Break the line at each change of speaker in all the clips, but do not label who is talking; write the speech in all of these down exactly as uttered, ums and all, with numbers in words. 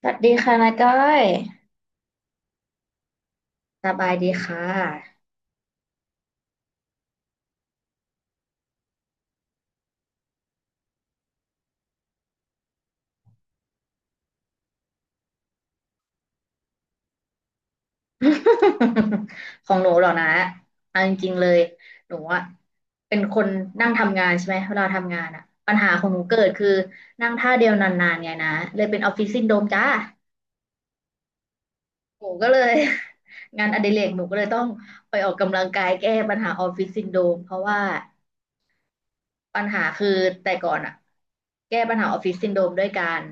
สวัสดีค่ะนาก้อยสบายดีค่ะ ของหนูเหรอนะเอาจริงๆเลยหนูอะเป็นคนนั่งทำงานใช่ไหมเวลาทำงานอะปัญหาของหนูเกิดคือนั่งท่าเดียวนานๆไงนะเลยเป็นออฟฟิศซินโดรมจ้าหนูก็เลย งานอดิเรกหนูก็เลยต้องไปออกกำลังกายแก้ปัญหาออฟฟิศซินโดรมเพราะว่าปัญหาคือแต่ก่อนอะแก้ปัญหาออฟฟิศซินโดรมด้วยการ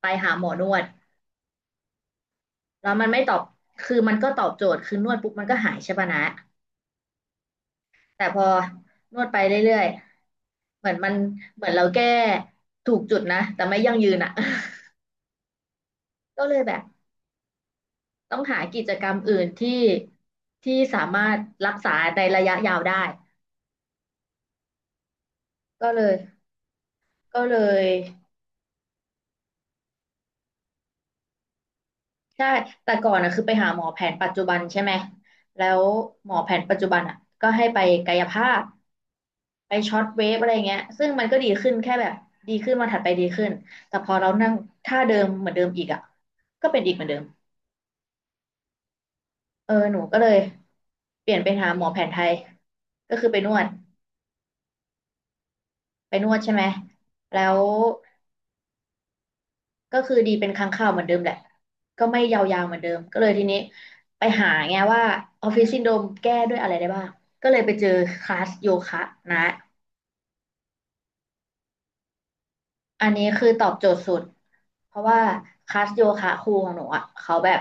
ไปหาหมอนวด แล้วมันไม่ตอบ คือมันก็ตอบโจทย์ คือนวดปุ๊บมันก็หายใช่ปะนะ แต่พอนวดไปเรื่อยๆเหมือนมันเหมือนเราแก้ถูกจุดนะ แต่ไม่ยั่งยืนอ่ะ ก็เลยแบบต้องหากิจกรรมอื่นที่ที่สามารถรักษาในระยะยาวได้ ก็เลย ก็เลย ใช่แต่ก่อนนะคือไปหาหมอแผนปัจจุบันใช่ไหมแล้วหมอแผนปัจจุบันอ่ะก็ให้ไปกายภาพไปช็อตเวฟอะไรเงี้ยซึ่งมันก็ดีขึ้นแค่แบบดีขึ้นวันถัดไปดีขึ้นแต่พอเรานั่งท่าเดิมเหมือนเดิมอีกอ่ะก็เป็นอีกเหมือนเดิมเออหนูก็เลยเปลี่ยนไปหาหมอแผนไทย ก็คือไปนวดไปนวดใช่ไหมแล้ว ก็คือดีเป็นครั้งคราวเหมือนเดิมแหละ ก็ไม่ยาวๆเหมือนเดิม ก็เลยทีนี้ไปหาไงว่าออฟฟิศซินโดรมแก้ด้วยอะไรได้บ้าง ก็เลยไปเจอคลาสโยคะนะ อันนี้คือตอบโจทย์สุด เพราะว่าคลาสโยคะครูของหนูอ่ะเขาแบบ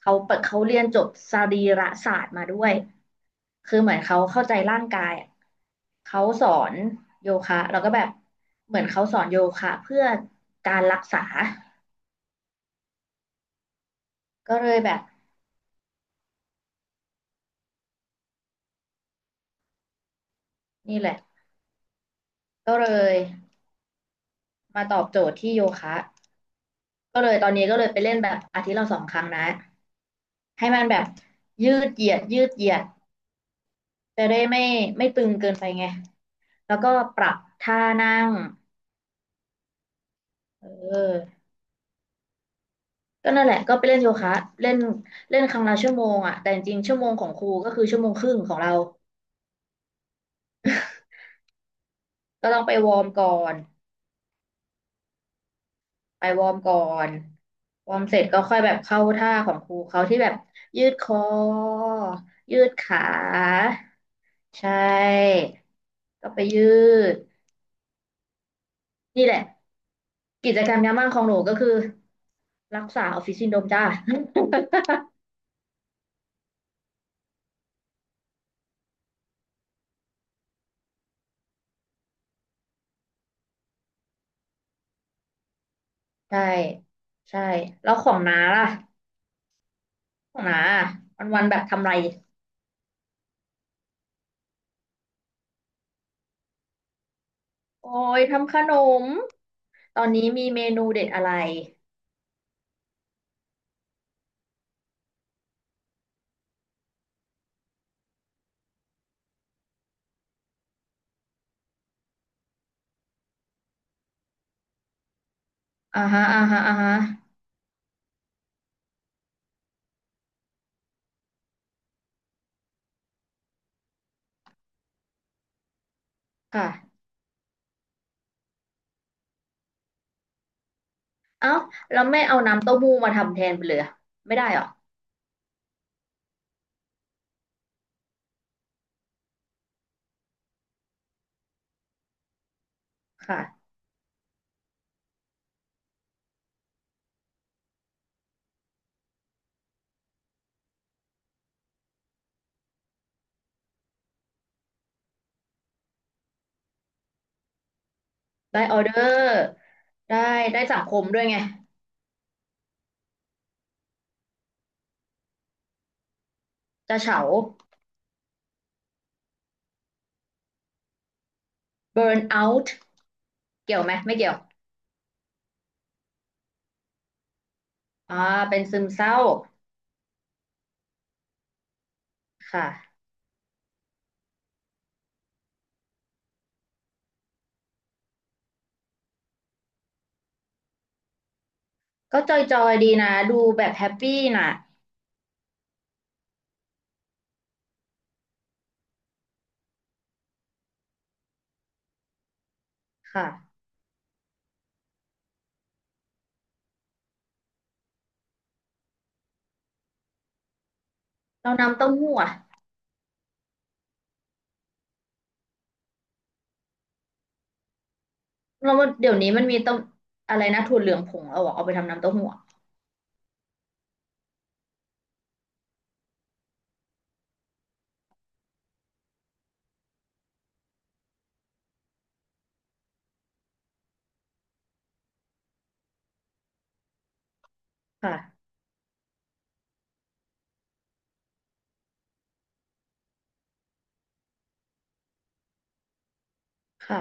เขาเปิดเขาเรียนจบสรีระศาสตร์มาด้วย คือเหมือนเขาเข้าใจร่างกายอะเขาสอนโยคะแล้วก็แบบเหมือนเขาสอนโยคะเพื่อการรักษาก็เลยแบบนี่แหละก็เลย มาตอบโจทย์ที่โยคะก็เลยตอนนี้ก็เลยไปเล่นแบบอาทิตย์ละสองครั้งนะให้มันแบบยืดเหยียดยืดเหยียดจะได้ไม่ไม่ตึงเกินไปไงแล้วก็ปรับท่านั่งเออก็นั่นแหละก็ไปเล่นโยคะเล่นเล่นครั้งละชั่วโมงอ่ะแต่จริงๆชั่วโมงของครูก็คือชั่วโมงครึ่งของเราก็ต้องไปวอร์มก่อนไปวอร์มก่อนวอร์มเสร็จก็ค่อยแบบเข้าท่าของครูเขาที่แบบยืดคอยืดขา ใช่ก็ไปยืด นี่แหละกิจกรรมยามว่างของหนูก็คือรักษาออฟฟิศซินโดรมจ้า ใช่ใช่ แล้วของน้าล่ะของน้าวันวันๆแบบทำอะไร โอ้ยทำขนม ตอนนี้มีเมนูเด็ดอะไรอ่าฮะอ่าฮะอ่าฮะค่ะเอ้าแล้วไม่เอาน้ำเต้าหู้มาทำแทนไปเลยอะไม่ได้เหรอ ค่ะได้ออเดอร์ได้ได้สังคมด้วยไงจะเฉาเบิร์นเอา u ์เกี่ยวไหมไม่เกี่ยว อ่าเป็นซึมเศร้า ค่ะ ก็จอยๆดีนะ ดูแบบแฮปปี้น่ะค่ะ เราน้ำเต้าหู้อ่ะเราเดี๋ยวนี้มันมีเต้าอะไรนะถั่วเหลืองผงเอาอะเอาไปทำน้ำเต้าหู้อะค่ะค่ะ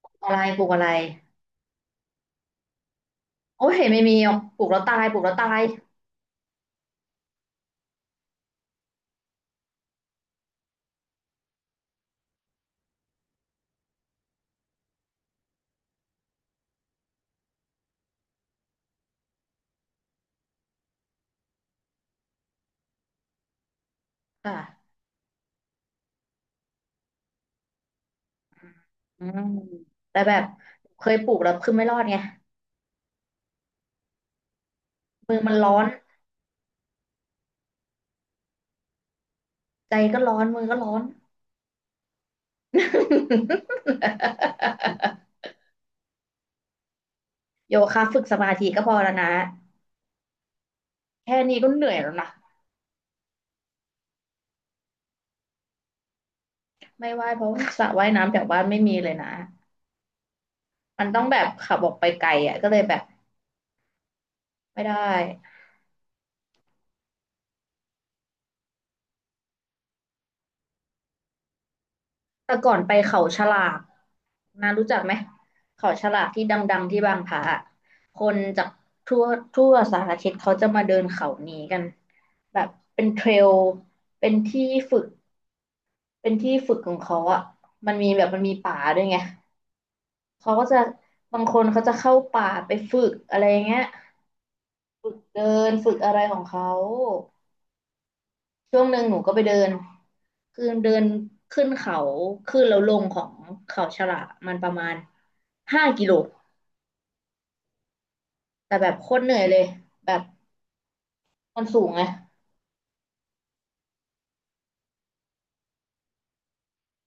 ปลูกอะไรปลูกอะไรโอ้ยไม่มีหรอกปลูกแล้วตายปลูกแล้วตาย ค่ะอืมแต่แบบเคยปลูกแล้วคือไม่รอดไงมือมันร้อน ใจก็ร้อนมือก็ร้อน โยคะฝึกสมาธิก็พอแล้วนะแค่นี้ก็เหนื่อยแล้วนะ ไม่ว่ายเพราะสระว่ายน้ำแถวบ้านไม่มีเลยนะมันต้องแบบขับออกไปไกลอ่ะก็เลยแบบไม่ได้แต่ก่อนไปเขาฉลากนารู้จักไหมเขาฉลากที่ดังๆที่บางพระอะคนจากทั่วทั่วสารทิศเขาจะมาเดินเขานี้กันแบบเป็นเทรลเป็นที่ฝึกเป็นที่ฝึกของเขาอ่ะมันมีแบบมันมีป่าด้วยไงเขาก็จะบางคนเขาจะเข้าป่าไปฝึกอะไรอย่างเงี้ยฝึกเดินฝึกอะไรของเขา ช่วงหนึ่งหนูก็ไปเดินคือเดินขึ้นเขาขึ้นแล้วลงของเขาฉลามันประมาณห้ากิโลแต่แบบโคตรเหนื่อยเลยแบบมันสูงไง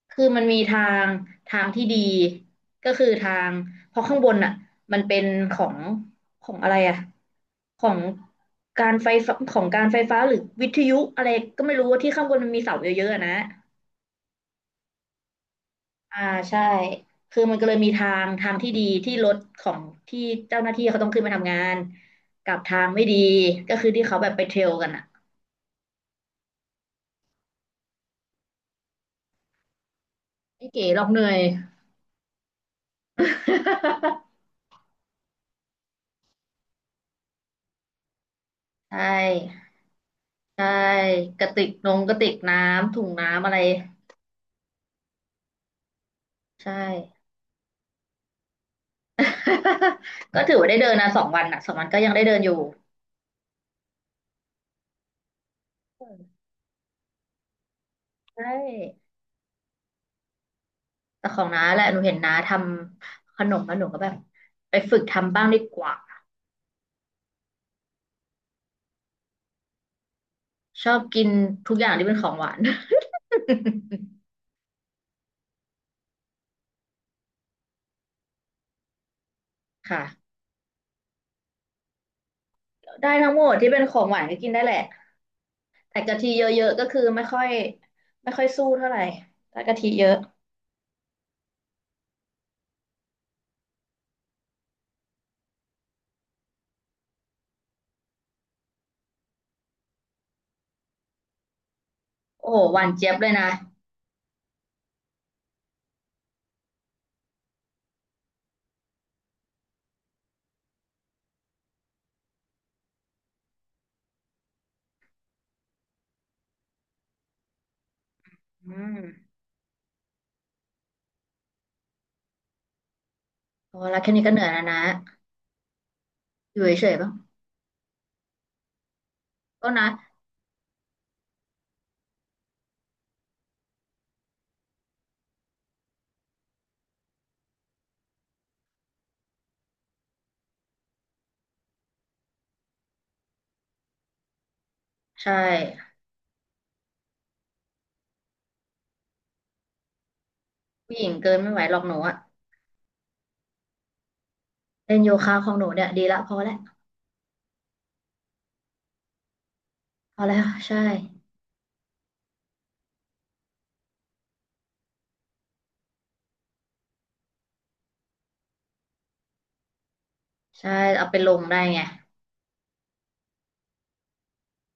คือมันมีทางทางที่ดีก็คือทางเพราะข้างบนอ่ะมันเป็นของของอะไรอ่ะของการไฟฟ้าของการไฟฟ้าหรือวิทยุอะไรก็ไม่รู้ว่าที่ข้างบนมันมีเสาเยอะๆอะนะ อ่าใช่คือมันก็เลยมีทางทางที่ดีที่รถของที่เจ้าหน้าที่เขาต้องขึ้นมาทำงานกับทางไม่ดีก็คือที่เขาแบบไปเทรลกันอ่ะไม่เก๋หรอกเหนื่อย ใช่ใช่กระติกนงกระติกน้ำถุงน้ำอะไรใช่ ก็ถือว่าได้เดินนะสองวันอ่ะสองวันก็ยังได้เดินอยู่ใช่แต่ของน้าแหละหนูเห็นน้าทำขนมแล้วหนูก็แบบไปฝึกทำบ้างดีกว่าชอบกินทุกอย่างที่เป็นของหวาน ค่ะได้ทั้งหมดที่เป็นของหวานก็กินได้แหละแต่กะทิเยอะๆก็คือไม่ค่อยไม่ค่อยสู้เท่าไหร่ถ้ากะทิเยอะโอ้โหหวานเจี๊ยบเลยนะอืมพอแล้วแค่นี้ก็เหนื่อยแล้วนะอยู่เฉยๆบ้างก็นะใช่ผู้หญิงเกินไม่ไหวหรอกหนูอะเล่นโยคะของหนูเนี่ยดีละพอแล้วพอแล้วใช่ใช่เอาไปลงได้ไง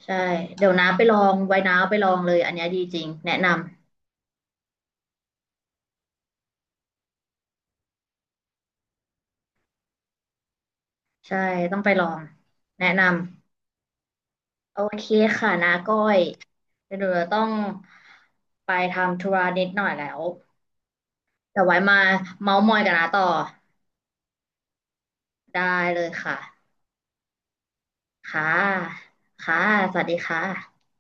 ใช่เดี๋ยวน้าไปลองไว้น้าเอาไปลองเลยอันเนี้ยดีจริงแนะนำใช่ต้องไปลองแนะนำ โอเคค่ะนาก้อยเดี๋ยวหนูจะต้องไปทำธุระนิดหน่อยแล้วแต่ไว้มาเม้าท์มอยกันนะต่อได้เลยค่ะค่ะค่ะสวัสดีค่ะ